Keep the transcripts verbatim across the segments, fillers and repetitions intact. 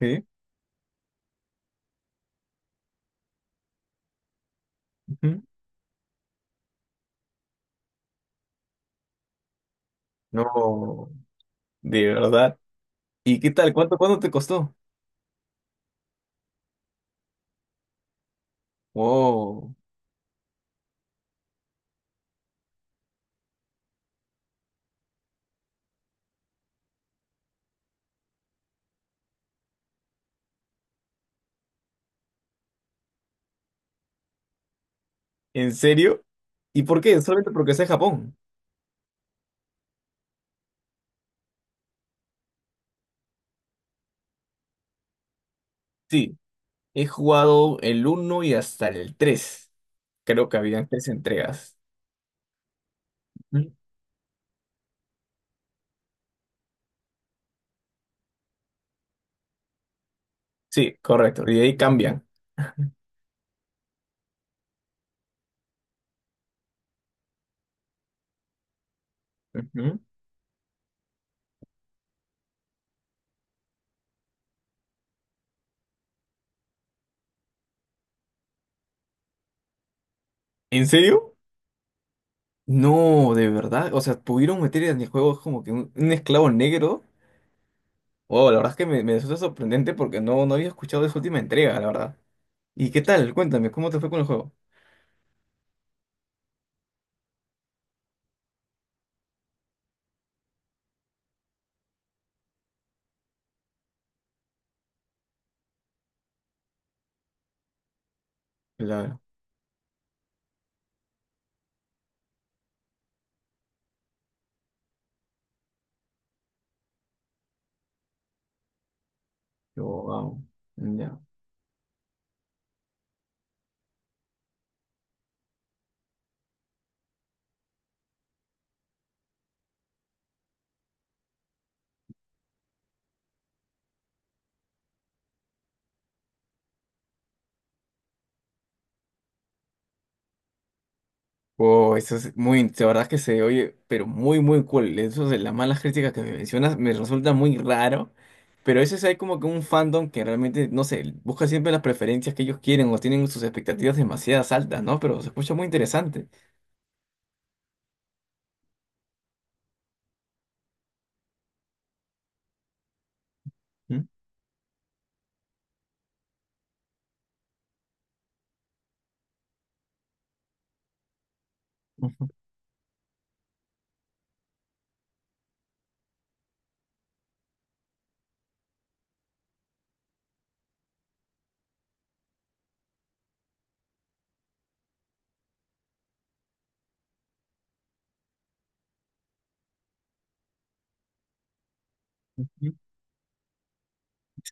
Sí, ujú. No, de verdad. ¿Y qué tal? ¿Cuánto, cuánto te costó? Wow, ¿en serio? ¿Y por qué? Solamente porque sea Japón. Sí, he jugado el uno y hasta el tres. Creo que habían tres entregas. Ujú. Sí, correcto. Y de ahí cambian. Ujú. ¿En serio? No, de verdad. O sea, pudieron meter en el juego como que un, un esclavo negro. Wow, la verdad es que me, me resulta sorprendente porque no, no había escuchado de esa última entrega, la verdad. ¿Y qué tal? Cuéntame, ¿cómo te fue con el juego? Claro. Yo, wow. Ya. Wow, eso es muy, de verdad que se oye, pero muy, muy cool. Eso de las malas críticas que me mencionas me resulta muy raro, pero eso es hay como que un fandom que realmente, no sé, busca siempre las preferencias que ellos quieren o tienen sus expectativas demasiadas altas, ¿no? Pero se escucha muy interesante. ¿Mm? Ujú.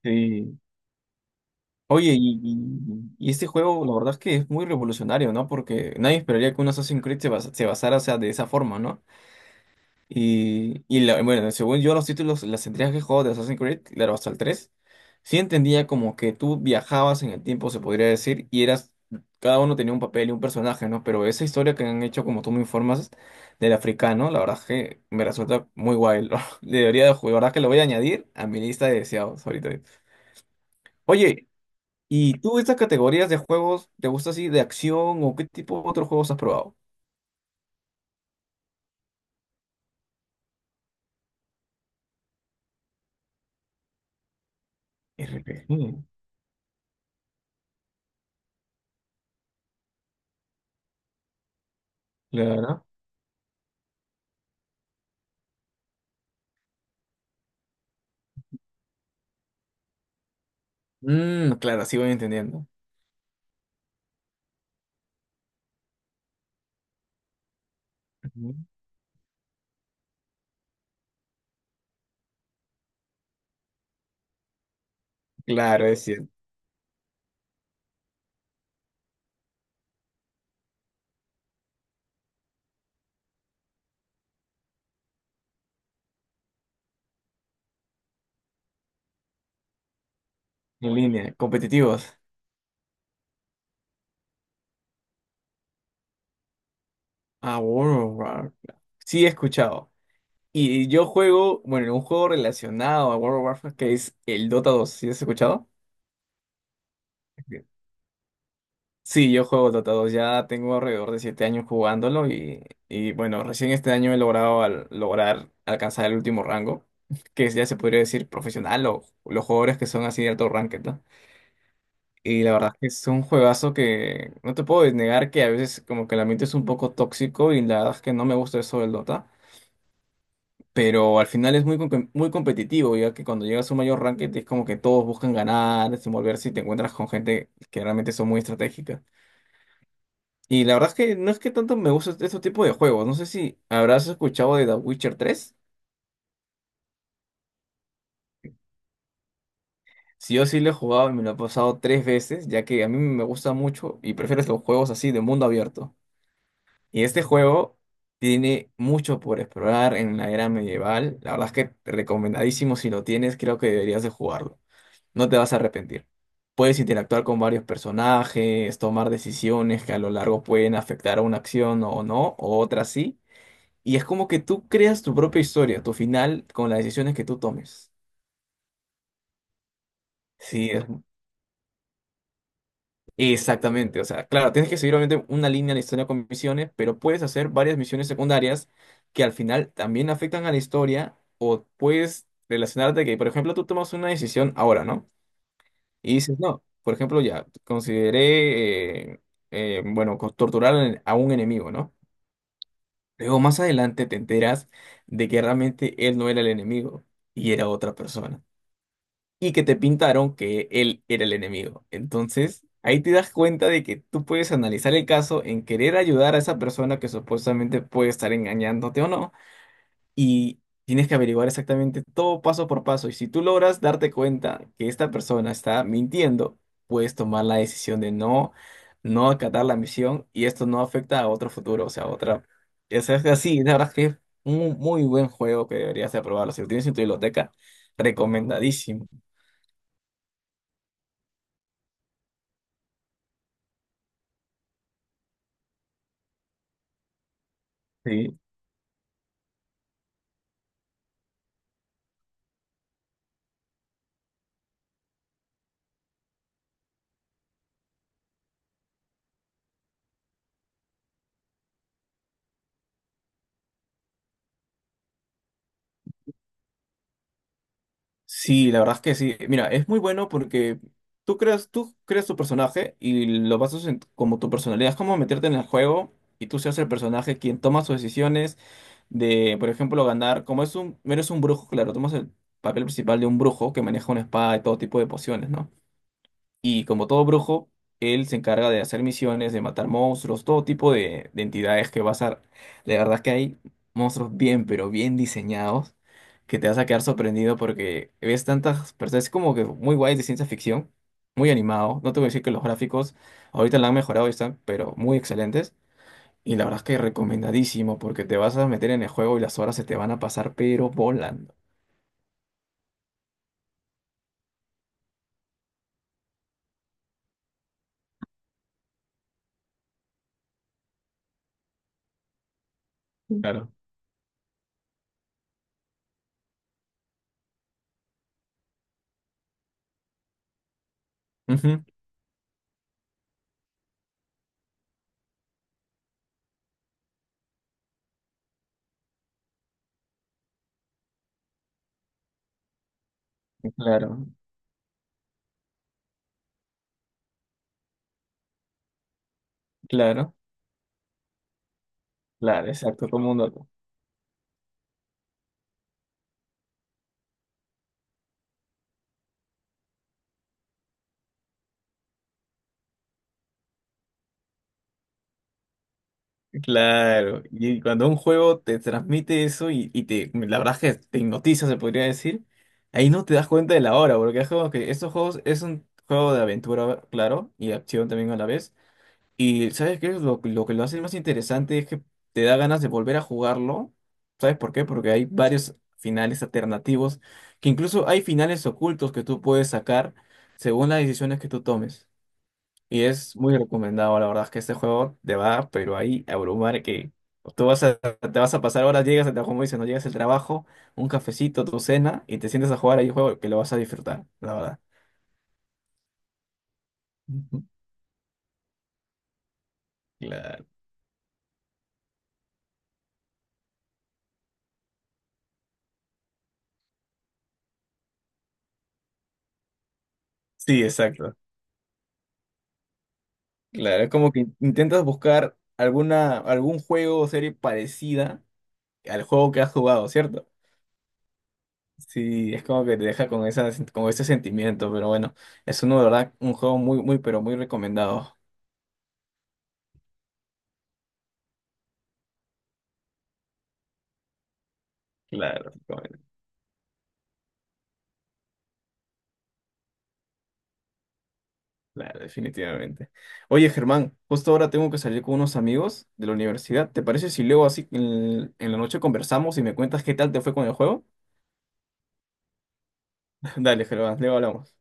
Sí. Oye, y, y- y este juego, la verdad es que es muy revolucionario, ¿no? Porque nadie esperaría que un Assassin's Creed se basa- se basara, o sea, de esa forma, ¿no? Y, y la, bueno, según yo, los títulos, las entregas que he jugado de Assassin's Creed, claro, hasta el tres sí entendía como que tú viajabas en el tiempo, se podría decir, y eras, cada uno tenía un papel y un personaje, ¿no? Pero esa historia que han hecho, como tú me informas, del africano, la verdad es que me resulta muy guay. lo- Debería de jugar, la verdad es que lo voy a añadir a mi lista de deseados ahorita. Oye, ¿y tú estas categorías de juegos te gusta así de acción o qué tipo de otros juegos has probado? R P G, claro. Mm, claro, así voy entendiendo. Claro, es cierto. En línea, competitivos. Ah, World of Warcraft. Claro. Sí, he escuchado. Y yo juego, bueno, un juego relacionado a World of Warcraft que es el Dota dos. ¿Sí has escuchado? Sí, sí, yo juego Dota dos. Ya tengo alrededor de siete años jugándolo y, y bueno, recién este año he logrado al- lograr alcanzar el último rango, que ya se podría decir profesional o los jugadores que son así de alto ranked. Y la verdad es que es un juegazo que no te puedo negar que a veces como que el ambiente es un poco tóxico y la verdad es que no me gusta eso del Dota. Pero al final es muy, com- muy competitivo, ya que cuando llegas a un mayor ranking es como que todos buscan ganar, desenvolverse y te encuentras con gente que realmente son muy estratégicas. Y la verdad es que no es que tanto me gusta este tipo de juegos. No sé si habrás escuchado de The Witcher tres. Si yo sí lo he jugado y me lo he pasado tres veces, ya que a mí me gusta mucho y prefiero los juegos así de mundo abierto. Y este juego tiene mucho por explorar en la era medieval. La verdad es que recomendadísimo si lo tienes, creo que deberías de jugarlo. No te vas a arrepentir. Puedes interactuar con varios personajes, tomar decisiones que a lo largo pueden afectar a una acción o no, o otras sí. Y es como que tú creas tu propia historia, tu final, con las decisiones que tú tomes. Sí, es. Exactamente, o sea, claro, tienes que seguir obviamente una línea en la historia con misiones, pero puedes hacer varias misiones secundarias que al final también afectan a la historia o puedes relacionarte que, por ejemplo, tú tomas una decisión ahora, ¿no? Y dices, no, por ejemplo, ya, consideré, eh, eh, bueno, co- torturar al- a un enemigo, ¿no? Luego más adelante te enteras de que realmente él no era el enemigo y era otra persona y que te pintaron que él era el enemigo. Entonces, ahí te das cuenta de que tú puedes analizar el caso en querer ayudar a esa persona que supuestamente puede estar engañándote o no, y tienes que averiguar exactamente todo paso por paso. Y si tú logras darte cuenta que esta persona está mintiendo, puedes tomar la decisión de no, no acatar la misión y esto no afecta a otro futuro, o sea, a otra. Es es así, la verdad es que es un muy buen juego que deberías de probarlo. Si lo tienes en tu biblioteca, recomendadísimo. Sí. Sí, la verdad es que sí. Mira, es muy bueno porque tú creas, tú creas tu personaje y lo basas en- como tu personalidad. Es como meterte en el juego y tú seas el personaje quien toma sus decisiones de, por ejemplo, ganar. Como es un, eres un brujo, claro, tomas el papel principal de un brujo que maneja una espada y todo tipo de pociones, ¿no? Y como todo brujo, él se encarga de hacer misiones, de matar monstruos, todo tipo de, de entidades que vas a... La verdad es que hay monstruos bien, pero bien diseñados, que te vas a quedar sorprendido porque ves tantas personas, es como que muy guay de ciencia ficción, muy animado. No te voy a decir que los gráficos ahorita la han mejorado y están, pero muy excelentes. Y la verdad es que recomendadísimo porque te vas a meter en el juego y las horas se te van a pasar, pero volando. Mm. Claro. Ujú, claro, claro, claro, exacto, como un dato. Claro, y cuando un juego te transmite eso y, y te, la verdad es que te hipnotiza, se podría decir, ahí no te das cuenta de la hora, porque es como que estos juegos es un juego de aventura, claro, y de acción también a la vez. Y ¿sabes qué? Lo, lo que lo hace más interesante es que te da ganas de volver a jugarlo. ¿Sabes por qué? Porque hay varios finales alternativos, que incluso hay finales ocultos que tú puedes sacar según las decisiones que tú tomes. Y es muy recomendado, la verdad es que este juego te va, pero ahí a abrumar que tú vas a, te vas a pasar horas, llegas al trabajo, como dices, no llegas al trabajo, un cafecito, tu cena, y te sientes a jugar ahí un juego que lo vas a disfrutar, la verdad. Ujú. Claro. Sí, exacto. Claro, es como que intentas buscar alguna, algún juego o serie parecida al juego que has jugado, ¿cierto? Sí, es como que te deja con esa, con ese sentimiento, pero bueno, es uno de verdad un juego muy, muy, pero muy recomendado. Claro. Claro, definitivamente. Oye, Germán, justo ahora tengo que salir con unos amigos de la universidad. ¿Te parece si luego así en, en la noche conversamos y me cuentas qué tal te fue con el juego? Dale, Germán, luego hablamos.